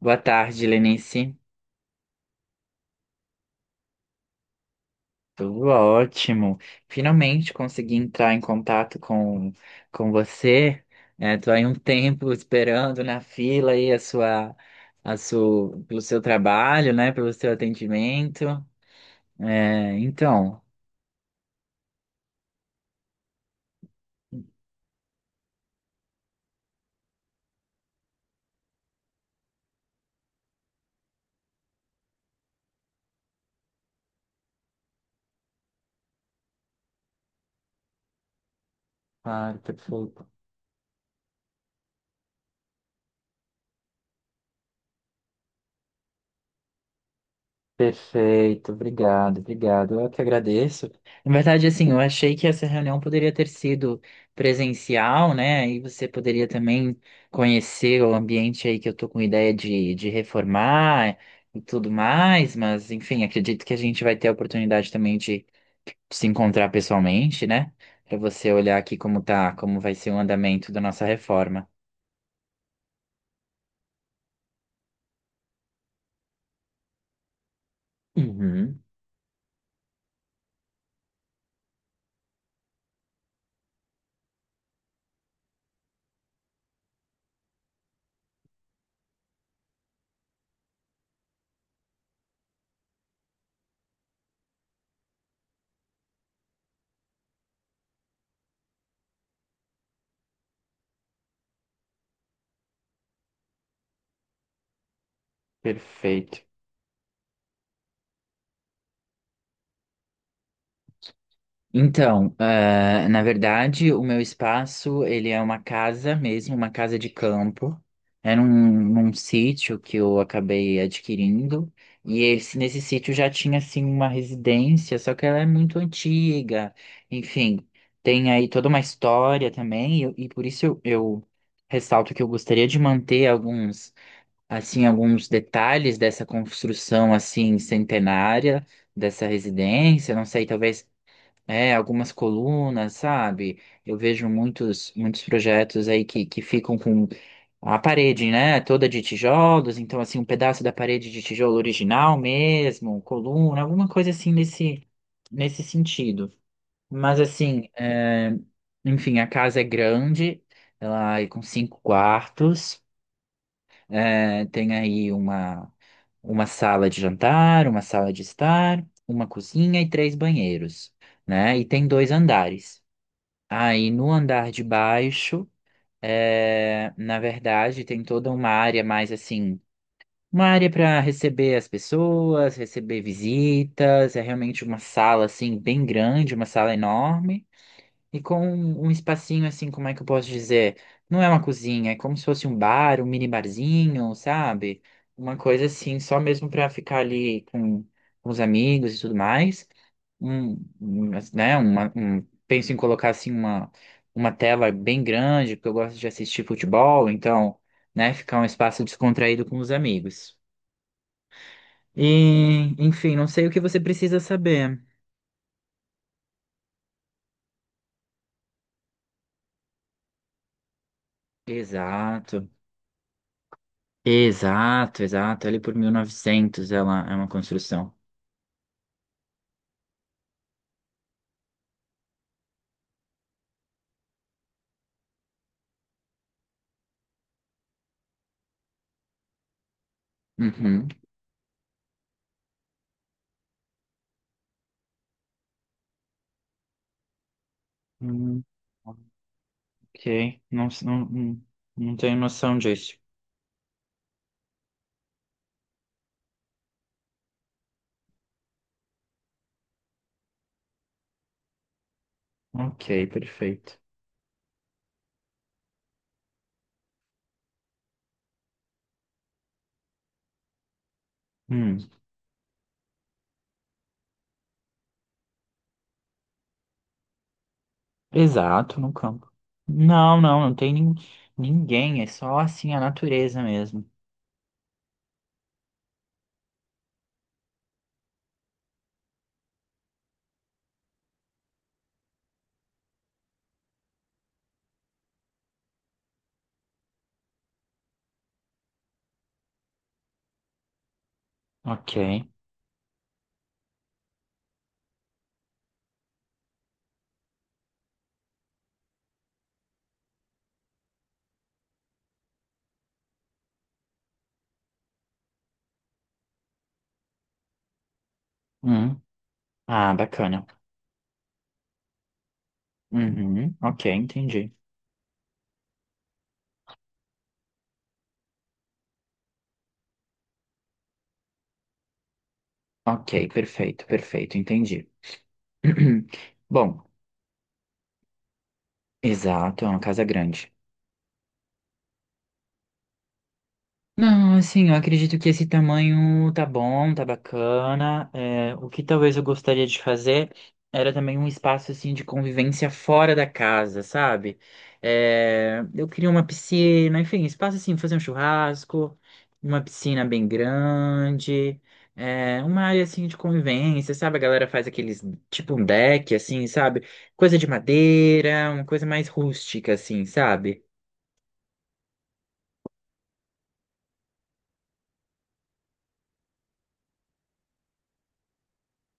Boa tarde, Lenice. Tudo ótimo. Finalmente consegui entrar em contato com você. Estou aí um tempo esperando na fila aí a sua, pelo seu trabalho, né? Pelo seu atendimento. É, então, claro, perfeito. Perfeito, obrigado, obrigado. Eu que agradeço. Na verdade, assim, eu achei que essa reunião poderia ter sido presencial, né? E você poderia também conhecer o ambiente aí que eu tô com ideia de reformar e tudo mais, mas enfim, acredito que a gente vai ter a oportunidade também de se encontrar pessoalmente, né? Para você olhar aqui como tá, como vai ser o andamento da nossa reforma. Uhum, perfeito. Então, na verdade, o meu espaço, ele é uma casa mesmo, uma casa de campo. É num sítio que eu acabei adquirindo. Nesse sítio já tinha, assim, uma residência, só que ela é muito antiga. Enfim, tem aí toda uma história também. E por isso eu ressalto que eu gostaria de manter alguns, assim, alguns detalhes dessa construção, assim, centenária, dessa residência. Não sei, talvez é, algumas colunas, sabe? Eu vejo muitos projetos aí que ficam com a parede, né? Toda de tijolos, então assim, um pedaço da parede de tijolo original mesmo, coluna, alguma coisa assim nesse sentido. Mas assim, é, enfim, a casa é grande, ela é com 5 quartos. É, tem aí uma sala de jantar, uma sala de estar, uma cozinha e 3 banheiros, né? E tem 2 andares. Aí no andar de baixo, é, na verdade, tem toda uma área mais assim, uma área para receber as pessoas, receber visitas. É realmente uma sala assim bem grande, uma sala enorme. E com um espacinho assim, como é que eu posso dizer? Não é uma cozinha, é como se fosse um bar, um mini barzinho, sabe? Uma coisa assim, só mesmo pra ficar ali com os amigos e tudo mais. Um, um, né, uma, um, Penso em colocar assim uma tela bem grande, porque eu gosto de assistir futebol, então, né, ficar um espaço descontraído com os amigos. E, enfim, não sei o que você precisa saber. Exato. Exato, exato. Ali por 1900. Ela é uma construção. Uhum. Hum, ok. Não não tenho noção disso. Ok, perfeito. Hum, exato, no campo. Não, não, não tem nin- ninguém. É só assim a natureza mesmo. Ok. Hum. Ah, bacana. Uhum. Ok, entendi. Ok, perfeito, perfeito, entendi. Bom, exato, é uma casa grande. Não, assim, eu acredito que esse tamanho tá bom, tá bacana. É, o que talvez eu gostaria de fazer era também um espaço assim de convivência fora da casa, sabe? É, eu queria uma piscina, enfim, espaço assim, fazer um churrasco, uma piscina bem grande, é, uma área assim de convivência, sabe? A galera faz aqueles tipo um deck, assim, sabe? Coisa de madeira, uma coisa mais rústica, assim, sabe?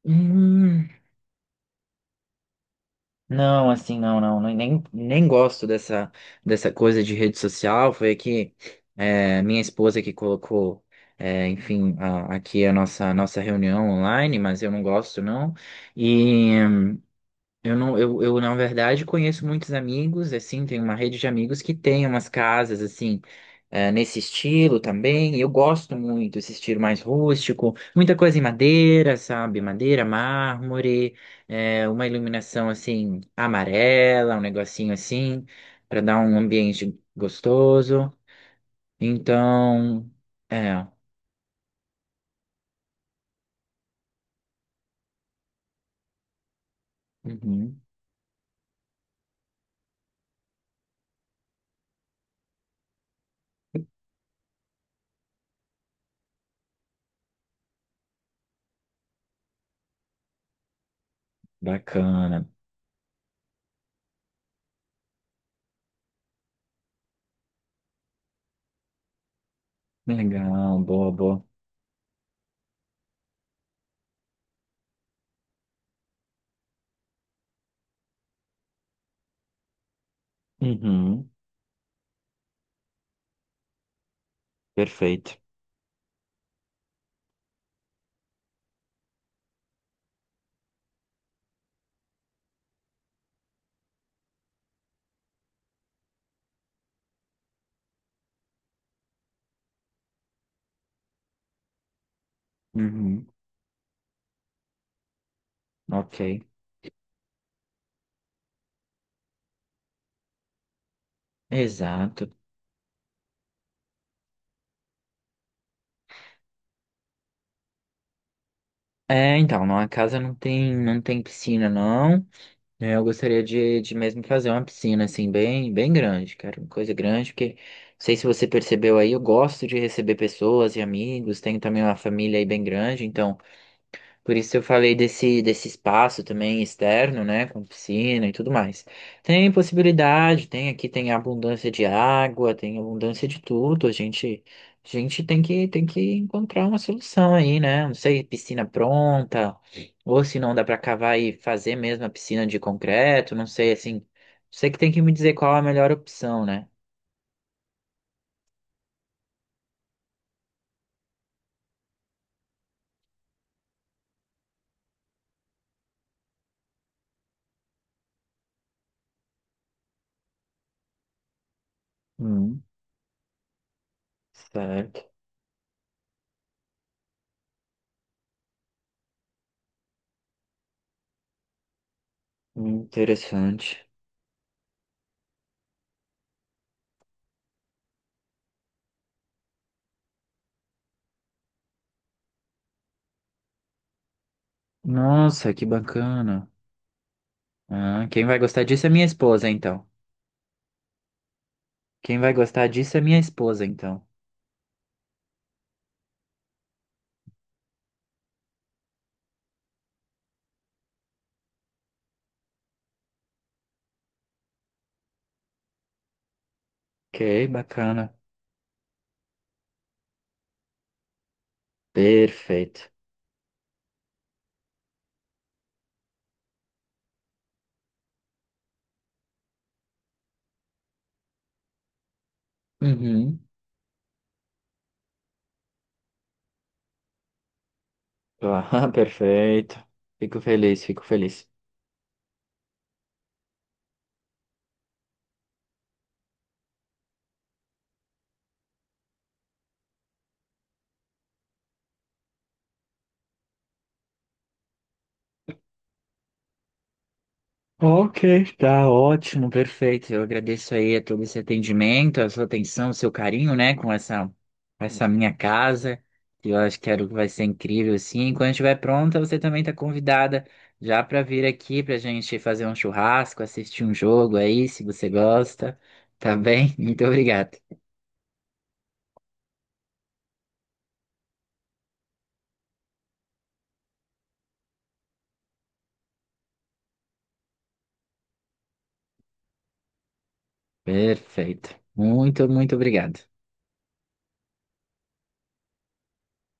Hum. Não, assim, nem gosto dessa coisa de rede social. Foi que é, minha esposa que colocou, é, enfim, a- aqui nossa reunião online, mas eu não gosto, não. E eu não, eu, na verdade, conheço muitos amigos, assim, tenho uma rede de amigos que tem umas casas, assim, nesse estilo também. Eu gosto muito desse estilo mais rústico, muita coisa em madeira, sabe? Madeira, mármore, uma iluminação, assim, amarela, um negocinho assim, para dar um ambiente gostoso. Então, é, uhum, bacana, legal, boa, boa. Uhum, perfeito. Uhum, ok. Exato. É, então, na casa não tem, não tem piscina, não. É, eu gostaria de mesmo fazer uma piscina, assim, bem grande, cara. Uma coisa grande, porque, não sei se você percebeu aí, eu gosto de receber pessoas e amigos, tenho também uma família aí bem grande, então. Por isso eu falei desse espaço também externo, né, com piscina e tudo mais. Tem possibilidade, tem aqui tem abundância de água, tem abundância de tudo. A gente tem que encontrar uma solução aí, né? Não sei, piscina pronta, ou se não dá para cavar e fazer mesmo a piscina de concreto, não sei assim. Você que tem que me dizer qual a melhor opção, né? Hum, certo. Interessante. Nossa, que bacana. Ah, quem vai gostar disso é minha esposa, então. Quem vai gostar disso é minha esposa, então. Ok, bacana. Perfeito. Uhum. Ah, perfeito. Fico feliz, fico feliz. Ok, tá ótimo, perfeito. Eu agradeço aí a todo esse atendimento, a sua atenção, o seu carinho, né, com essa, essa minha casa, que eu acho que era o que vai ser incrível, assim. Quando estiver pronta, você também tá convidada já para vir aqui pra gente fazer um churrasco, assistir um jogo aí, se você gosta, tá bem? Muito obrigado. Perfeito. Muito, muito obrigado.